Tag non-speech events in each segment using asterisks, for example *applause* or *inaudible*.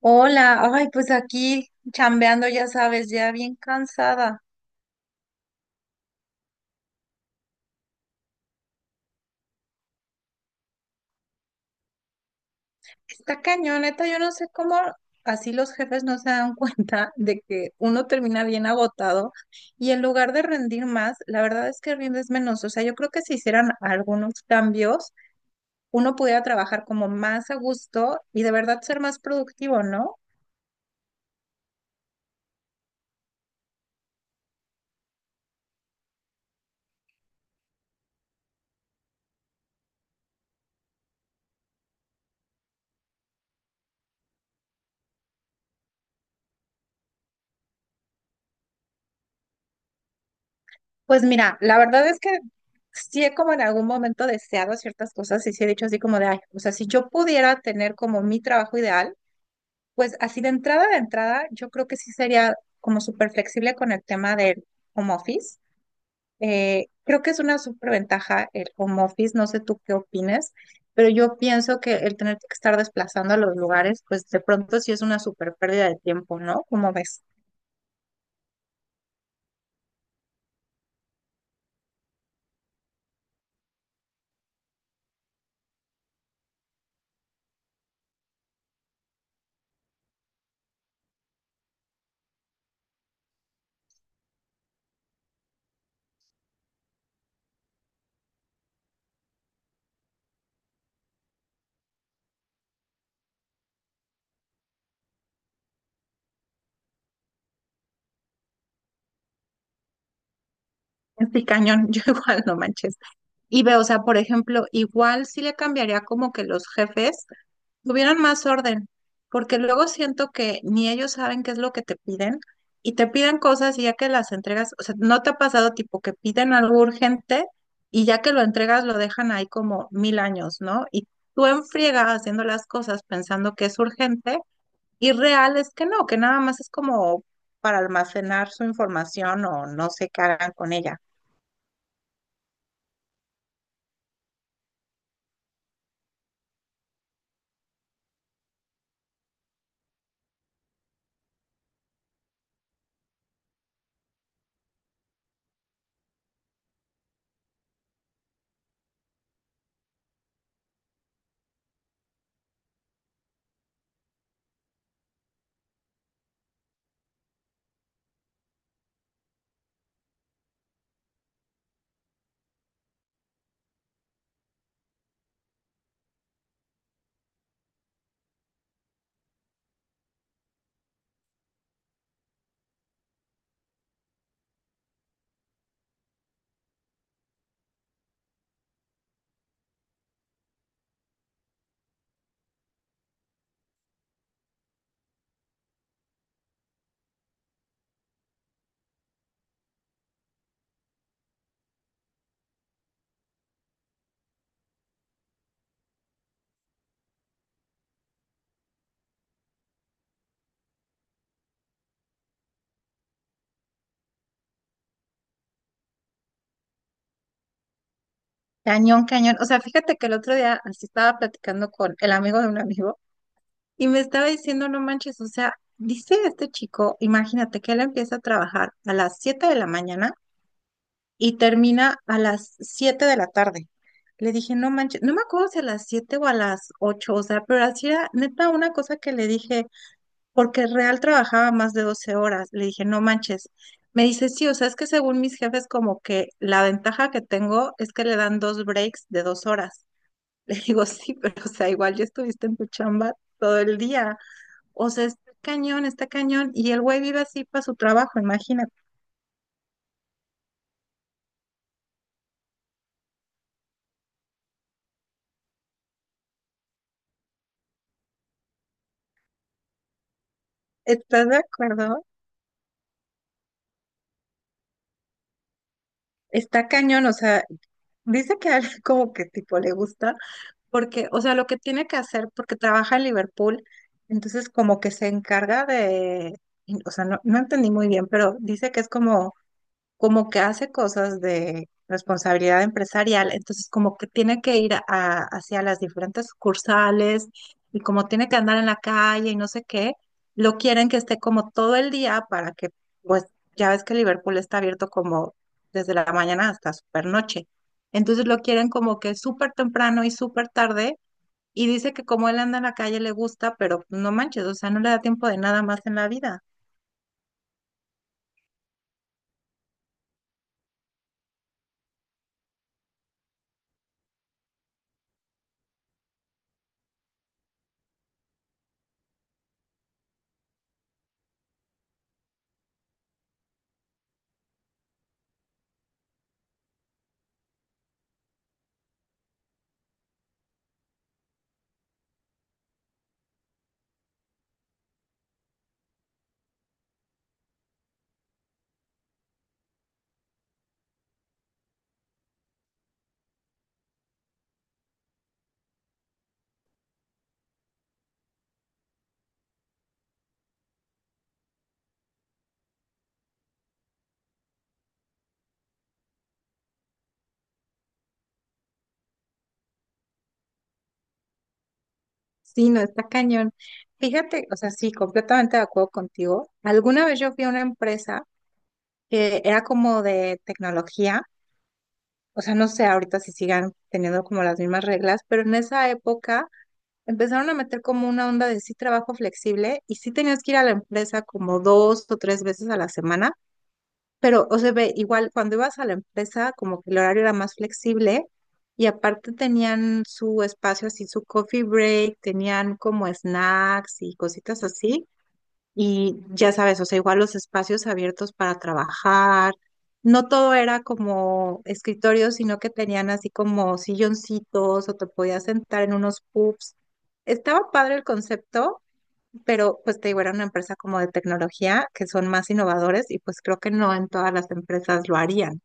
Hola, ay, pues aquí chambeando, ya sabes, ya bien cansada. Está cañoneta, yo no sé cómo así los jefes no se dan *laughs* cuenta de que uno termina bien agotado y en lugar de rendir más, la verdad es que rindes menos. O sea, yo creo que si hicieran algunos cambios, uno pudiera trabajar como más a gusto y de verdad ser más productivo, ¿no? Pues mira, la verdad es que sí he como en algún momento deseado ciertas cosas y sí he dicho así como de, ay, o sea, si yo pudiera tener como mi trabajo ideal. Pues así de entrada, yo creo que sí sería como súper flexible con el tema del home office. Creo que es una superventaja el home office, no sé tú qué opines, pero yo pienso que el tener que estar desplazando a los lugares, pues de pronto sí es una súper pérdida de tiempo, ¿no? Como ves? Este cañón, *laughs* yo igual no manches. Y veo, o sea, por ejemplo, igual sí le cambiaría como que los jefes tuvieran más orden, porque luego siento que ni ellos saben qué es lo que te piden y te piden cosas y ya que las entregas, o sea, ¿no te ha pasado tipo que piden algo urgente y ya que lo entregas lo dejan ahí como mil años, ¿no? Y tú en friega haciendo las cosas pensando que es urgente y real es que no, que nada más es como para almacenar su información o no sé qué hagan con ella. Cañón, cañón. O sea, fíjate que el otro día así estaba platicando con el amigo de un amigo. Y me estaba diciendo, no manches, o sea, dice este chico, imagínate que él empieza a trabajar a las 7 de la mañana y termina a las 7 de la tarde. Le dije, no manches, no me acuerdo si a las 7 o a las 8, o sea, pero así era neta una cosa que le dije, porque real trabajaba más de 12 horas. Le dije, no manches. Me dice, sí, o sea, es que según mis jefes, como que la ventaja que tengo es que le dan dos breaks de 2 horas. *laughs* Le digo, sí, pero o sea, igual ya estuviste en tu chamba todo el día. O sea, está cañón, está cañón. Y el güey vive así para su trabajo, imagínate. ¿Estás de acuerdo? Está cañón, o sea, dice que a él *laughs* como que tipo le gusta, porque, o sea, lo que tiene que hacer, porque trabaja en Liverpool, entonces como que se encarga de, o sea, no, no entendí muy bien, pero dice que es como como que hace cosas de responsabilidad empresarial, entonces como que tiene que hacia las diferentes sucursales y como tiene que andar en la calle y no sé qué, lo quieren que esté como todo el día para que, pues ya ves que Liverpool está abierto como desde la mañana hasta super noche, entonces lo quieren como que súper temprano y súper tarde y dice que como él anda en la calle le gusta, pero no manches, o sea, no le da tiempo de nada más en la vida. Sí, no, está cañón. Fíjate, o sea, sí, completamente de acuerdo contigo. Alguna vez yo fui a una empresa que era como de tecnología, o sea, no sé ahorita si sigan teniendo como las mismas reglas, pero en esa época empezaron a meter como una onda de sí trabajo flexible y sí tenías que ir a la empresa como dos o tres veces a la semana, pero, o sea, ve, igual cuando ibas a la empresa, como que el horario era más flexible y aparte tenían su espacio así, su coffee break, tenían como snacks y cositas así. Y ya sabes, o sea, igual los espacios abiertos para trabajar. No todo era como escritorio, sino que tenían así como silloncitos o te podías sentar en unos pubs. Estaba padre el concepto, pero pues te digo, era una empresa como de tecnología que son más innovadores y pues creo que no en todas las empresas lo harían.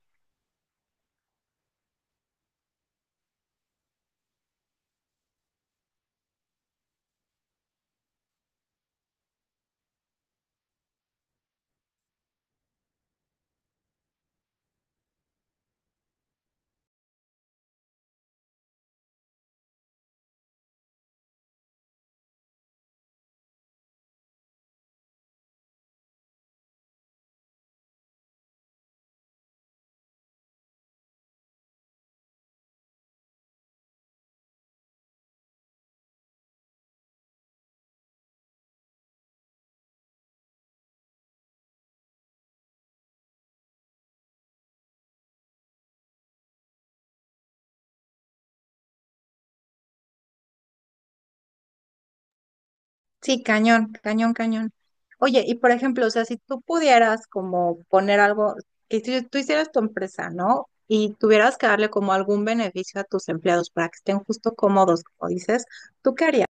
Sí, cañón, cañón, cañón. Oye, y por ejemplo, o sea, si tú pudieras como poner algo, que si tú hicieras tu empresa, ¿no? Y tuvieras que darle como algún beneficio a tus empleados para que estén justo cómodos, como dices, ¿tú qué harías?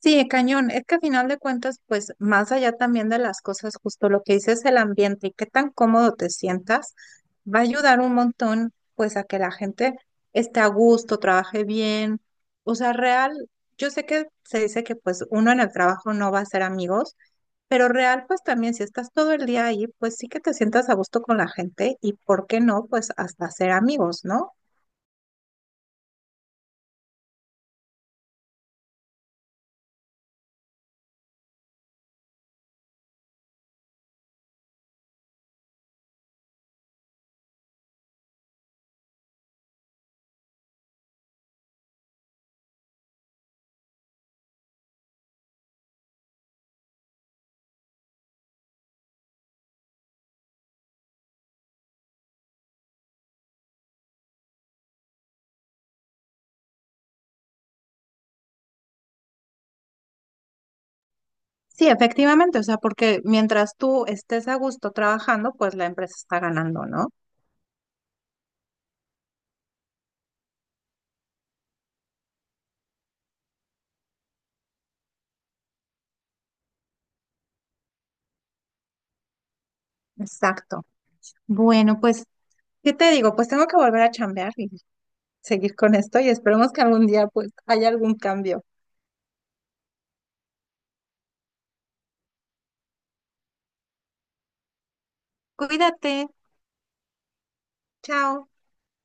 Sí, cañón. Es que a final de cuentas, pues más allá también de las cosas, justo lo que dices, el ambiente y qué tan cómodo te sientas, va a ayudar un montón, pues a que la gente esté a gusto, trabaje bien. O sea, real, yo sé que se dice que pues uno en el trabajo no va a ser amigos, pero real, pues también si estás todo el día ahí, pues sí que te sientas a gusto con la gente y por qué no, pues hasta ser amigos, ¿no? Sí, efectivamente, o sea, porque mientras tú estés a gusto trabajando, pues la empresa está ganando, ¿no? Exacto. Bueno, pues, ¿qué te digo? Pues tengo que volver a chambear y seguir con esto y esperemos que algún día pues haya algún cambio. Cuídate. Chao.